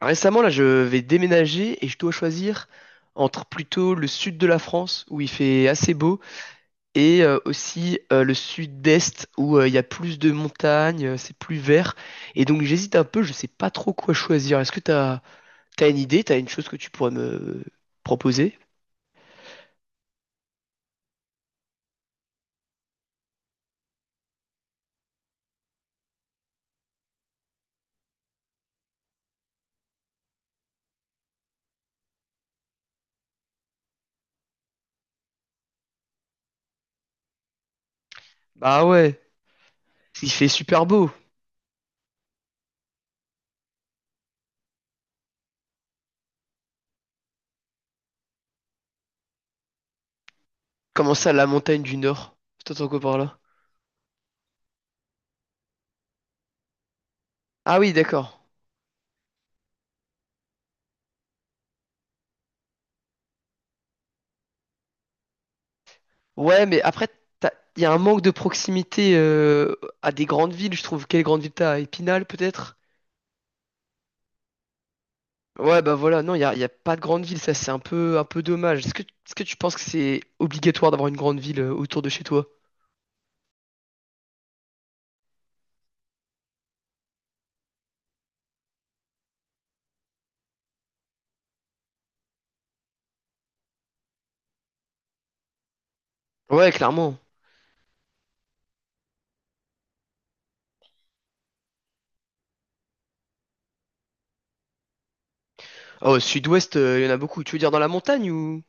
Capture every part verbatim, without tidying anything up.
Récemment, là, je vais déménager et je dois choisir entre plutôt le sud de la France, où il fait assez beau, et euh, aussi euh, le sud-est, où euh, il y a plus de montagnes, euh, c'est plus vert. Et donc j'hésite un peu, je sais pas trop quoi choisir. Est-ce que t'as, t'as une idée, t'as une chose que tu pourrais me proposer? Bah ouais, il fait super beau. Comment ça, la montagne du Nord? Je t'entends quoi par là? Ah oui, d'accord. Ouais, mais après, t'as- il y a un manque de proximité euh, à des grandes villes, je trouve. Quelle grande ville t'as? À Épinal, peut-être? Ouais, bah voilà, non, il y a, il y a pas de grande ville, ça c'est un peu, un peu dommage. Est-ce que, est-ce que tu penses que c'est obligatoire d'avoir une grande ville euh, autour de chez toi? Ouais, clairement. Oh, sud-ouest, euh, il y en a beaucoup. Tu veux dire dans la montagne ou...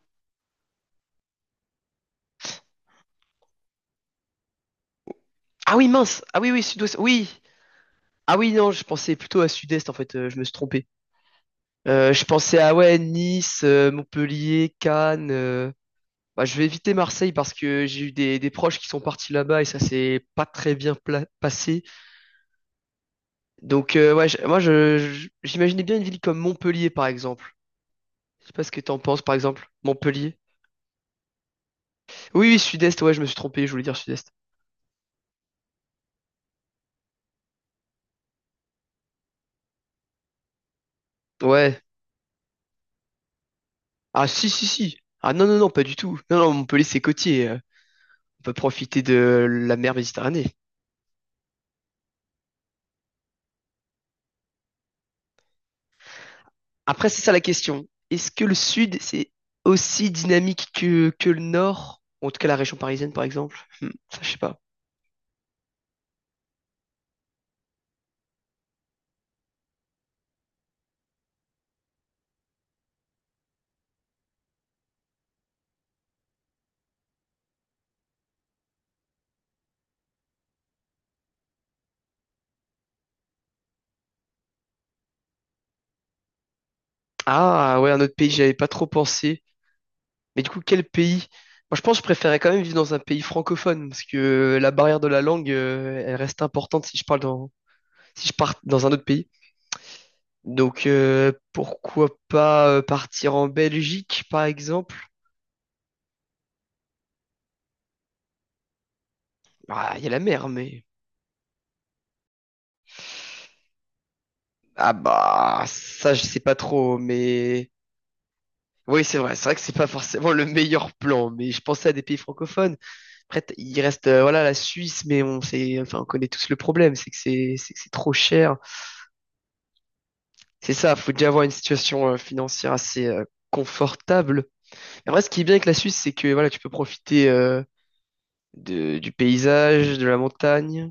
Ah oui, mince! Ah oui, oui, sud-ouest, oui! Ah oui, non, je pensais plutôt à sud-est, en fait, euh, je me suis trompé. Euh, je pensais à, ouais, Nice, euh, Montpellier, Cannes... euh, Bah, je vais éviter Marseille parce que j'ai eu des, des proches qui sont partis là-bas et ça s'est pas très bien pla- passé. Donc euh, ouais, je- moi je, je- j'imaginais bien une ville comme Montpellier par exemple. Je sais pas ce que t'en penses par exemple. Montpellier. Oui, oui, Sud-Est, ouais, je me suis trompé, je voulais dire Sud-Est. Ouais. Ah si, si, si. Ah non, non, non, pas du tout. Non, non, Montpellier c'est côtier, euh. On peut profiter de la mer Méditerranée. Après, c'est ça la question. Est-ce que le sud, c'est aussi dynamique que, que le nord? En tout cas, la région parisienne, par exemple. Hmm, ça, je sais pas. Ah, ouais, un autre pays, j'y avais pas trop pensé. Mais du coup, quel pays? Moi, je pense que je préférais quand même vivre dans un pays francophone parce que la barrière de la langue, euh, elle reste importante si je parle dans, si je pars dans un autre pays. Donc, euh, pourquoi pas euh, partir en Belgique, par exemple? Ah, il y a la mer, mais ah bah ça, je sais pas trop, mais oui, c'est vrai. C'est vrai que c'est pas forcément le meilleur plan, mais je pensais à des pays francophones. Après, t- il reste euh, voilà la Suisse, mais on sait, enfin, on connaît tous le problème, c'est que c'est c'est que c'est trop cher. C'est ça, faut déjà avoir une situation euh, financière assez euh, confortable. Et en vrai, ce qui est bien avec la Suisse, c'est que voilà, tu peux profiter euh, de- du paysage, de la montagne.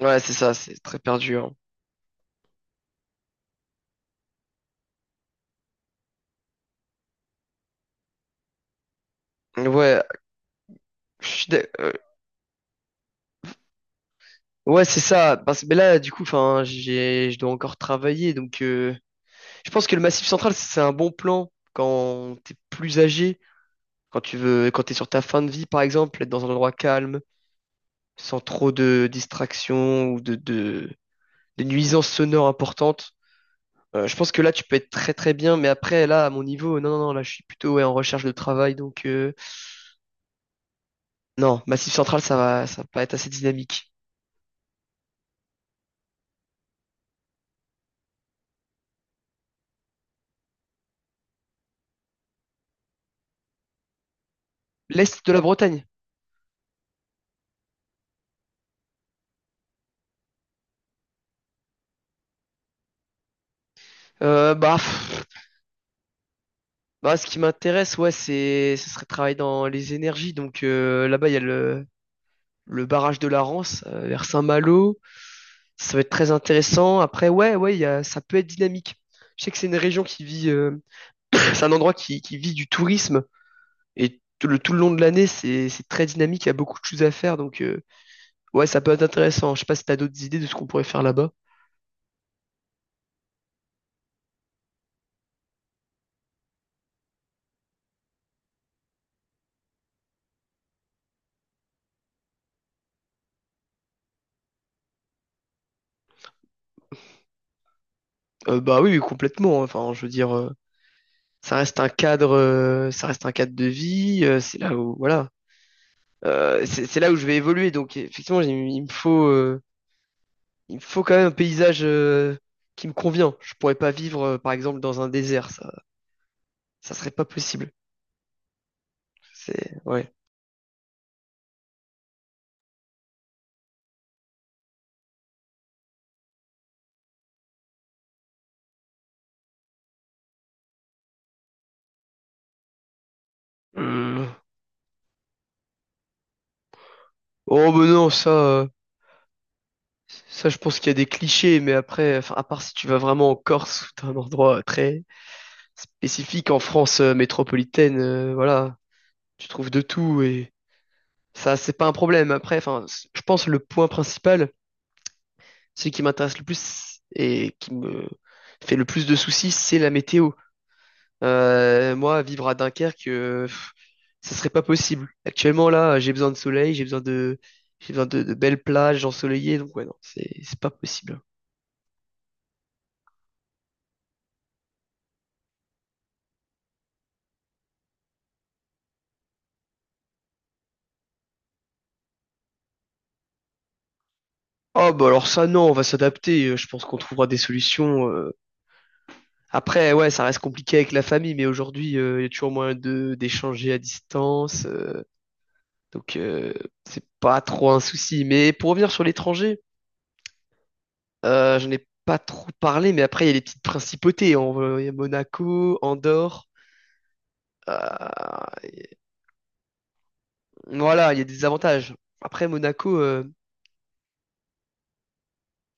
Ouais, c'est ça, c'est très perdu, hein. Ouais, je suis d'ac- euh, ouais, c'est ça. Parce que mais là, du coup, enfin, j'ai, je dois encore travailler, donc euh, je pense que le Massif Central, c'est un bon plan quand t'es plus âgé, quand tu veux, quand t'es sur ta fin de vie, par exemple, être dans un endroit calme, sans trop de distractions ou de, de, de nuisances sonores importantes. Euh, je pense que là, tu peux être très très bien, mais après, là, à mon niveau, non, non, non, là, je suis plutôt ouais, en recherche de travail, donc euh, non, Massif Central, ça va, ça va pas être assez dynamique. L'Est de la Bretagne, euh, bah, pff, bah, ce qui m'intéresse, ouais, c'est, ce serait de travailler dans les énergies, donc euh, là-bas, il y a le, le barrage de la Rance euh, vers Saint-Malo, ça va être très intéressant. Après, ouais, ouais, il y a, ça peut être dynamique. Je sais que c'est une région qui vit euh, c'est un endroit qui, qui vit du tourisme et tout le, tout le long de l'année, c'est c'est très dynamique, il y a beaucoup de choses à faire, donc euh, ouais, ça peut être intéressant. Je sais pas si t'as d'autres idées de ce qu'on pourrait faire là-bas. Euh, bah oui, oui, complètement, hein. Enfin, je veux dire, euh, ça reste un cadre, euh, ça reste un cadre de vie, euh, c'est là où, voilà, euh, c'est c'est là où je vais évoluer. Donc effectivement, j'ai- il me faut, euh, il me faut quand même un paysage euh, qui me convient. Je pourrais pas vivre, euh, par exemple, dans un désert. Ça, Ça serait pas possible. C'est ouais. Hmm. Oh mais non, ça, euh, ça je pense qu'il y a des clichés, mais après, enfin, à part si tu vas vraiment en Corse ou dans un endroit euh, très spécifique en France euh, métropolitaine, euh, voilà, tu trouves de tout et ça c'est pas un problème. Après, enfin, c- je pense le point principal, celui qui m'intéresse le plus et qui me fait le plus de soucis, c'est la météo. Euh, moi, vivre à Dunkerque, euh, pff, ce serait pas possible. Actuellement, là, j'ai besoin de soleil, j'ai besoin de, j'ai besoin de, de belles plages ensoleillées, donc ouais, non, c'est, c'est pas possible. Oh, bah alors ça, non, on va s'adapter, euh, je pense qu'on trouvera des solutions, euh. Après, ouais, ça reste compliqué avec la famille, mais aujourd'hui, euh, il y a toujours moyen de, d'échanger à distance, euh, donc, euh, c'est pas trop un souci. Mais pour revenir sur l'étranger, euh, j'en ai pas trop parlé, mais après, il y a les petites principautés. On, va- il y a Monaco, Andorre. Euh, et- voilà, il y a des avantages. Après, Monaco, euh,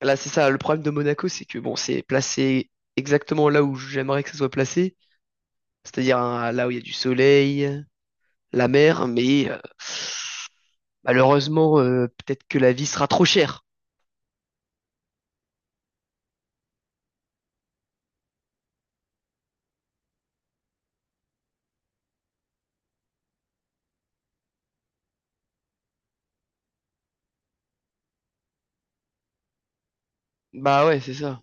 là, c'est ça. Le problème de Monaco, c'est que bon, c'est placé exactement là où j'aimerais que ça soit placé, c'est-à-dire hein, là où il y a du soleil, la mer, mais euh, malheureusement, euh, peut-être que la vie sera trop chère. Bah ouais, c'est ça.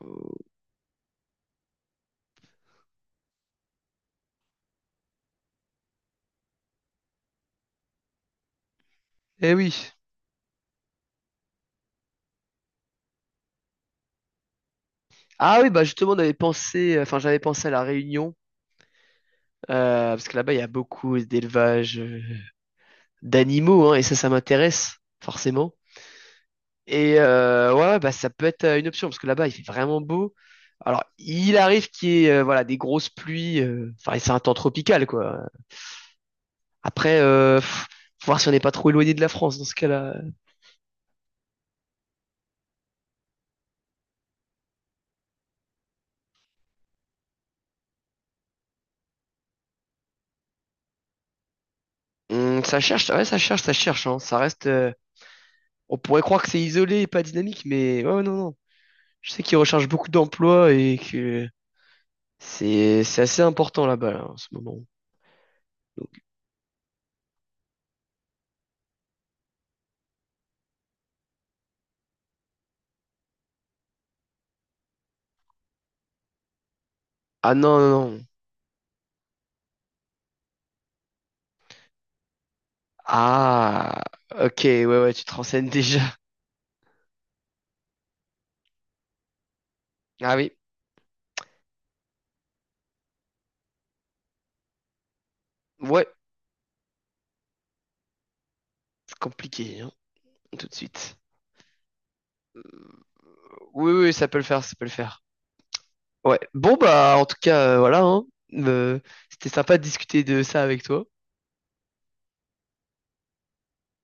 Euh, Eh oui. Ah oui, bah justement, on avait pensé, enfin, j'avais pensé à la Réunion, euh, parce que là-bas, il y a beaucoup d'élevage euh, d'animaux, hein, et ça, ça m'intéresse, forcément. Et euh, ouais, ouais, bah, ça peut être euh, une option parce que là-bas, il fait vraiment beau. Alors, il arrive qu'il y ait euh, voilà, des grosses pluies, euh, enfin, c'est un temps tropical, quoi. Après, euh, pff, faut voir si on n'est pas trop éloigné de la France dans ce cas-là. Hum, ça cherche, ouais, ça cherche, ça cherche, hein. Ça reste, euh, on pourrait croire que c'est isolé et pas dynamique, mais ouais, ouais, non, non. Je sais qu'ils recherchent beaucoup d'emplois et que c'est c'est assez important là-bas là, en ce moment. Donc- ah non, non, non. Ah, ok, ouais, ouais, tu te renseignes déjà. Ah oui, ouais, c'est compliqué, hein, tout de suite. Oui, oui, ça peut le faire, ça peut le faire. Ouais. Bon, bah, en tout cas, euh, voilà, hein. Euh, c'était sympa de discuter de ça avec toi.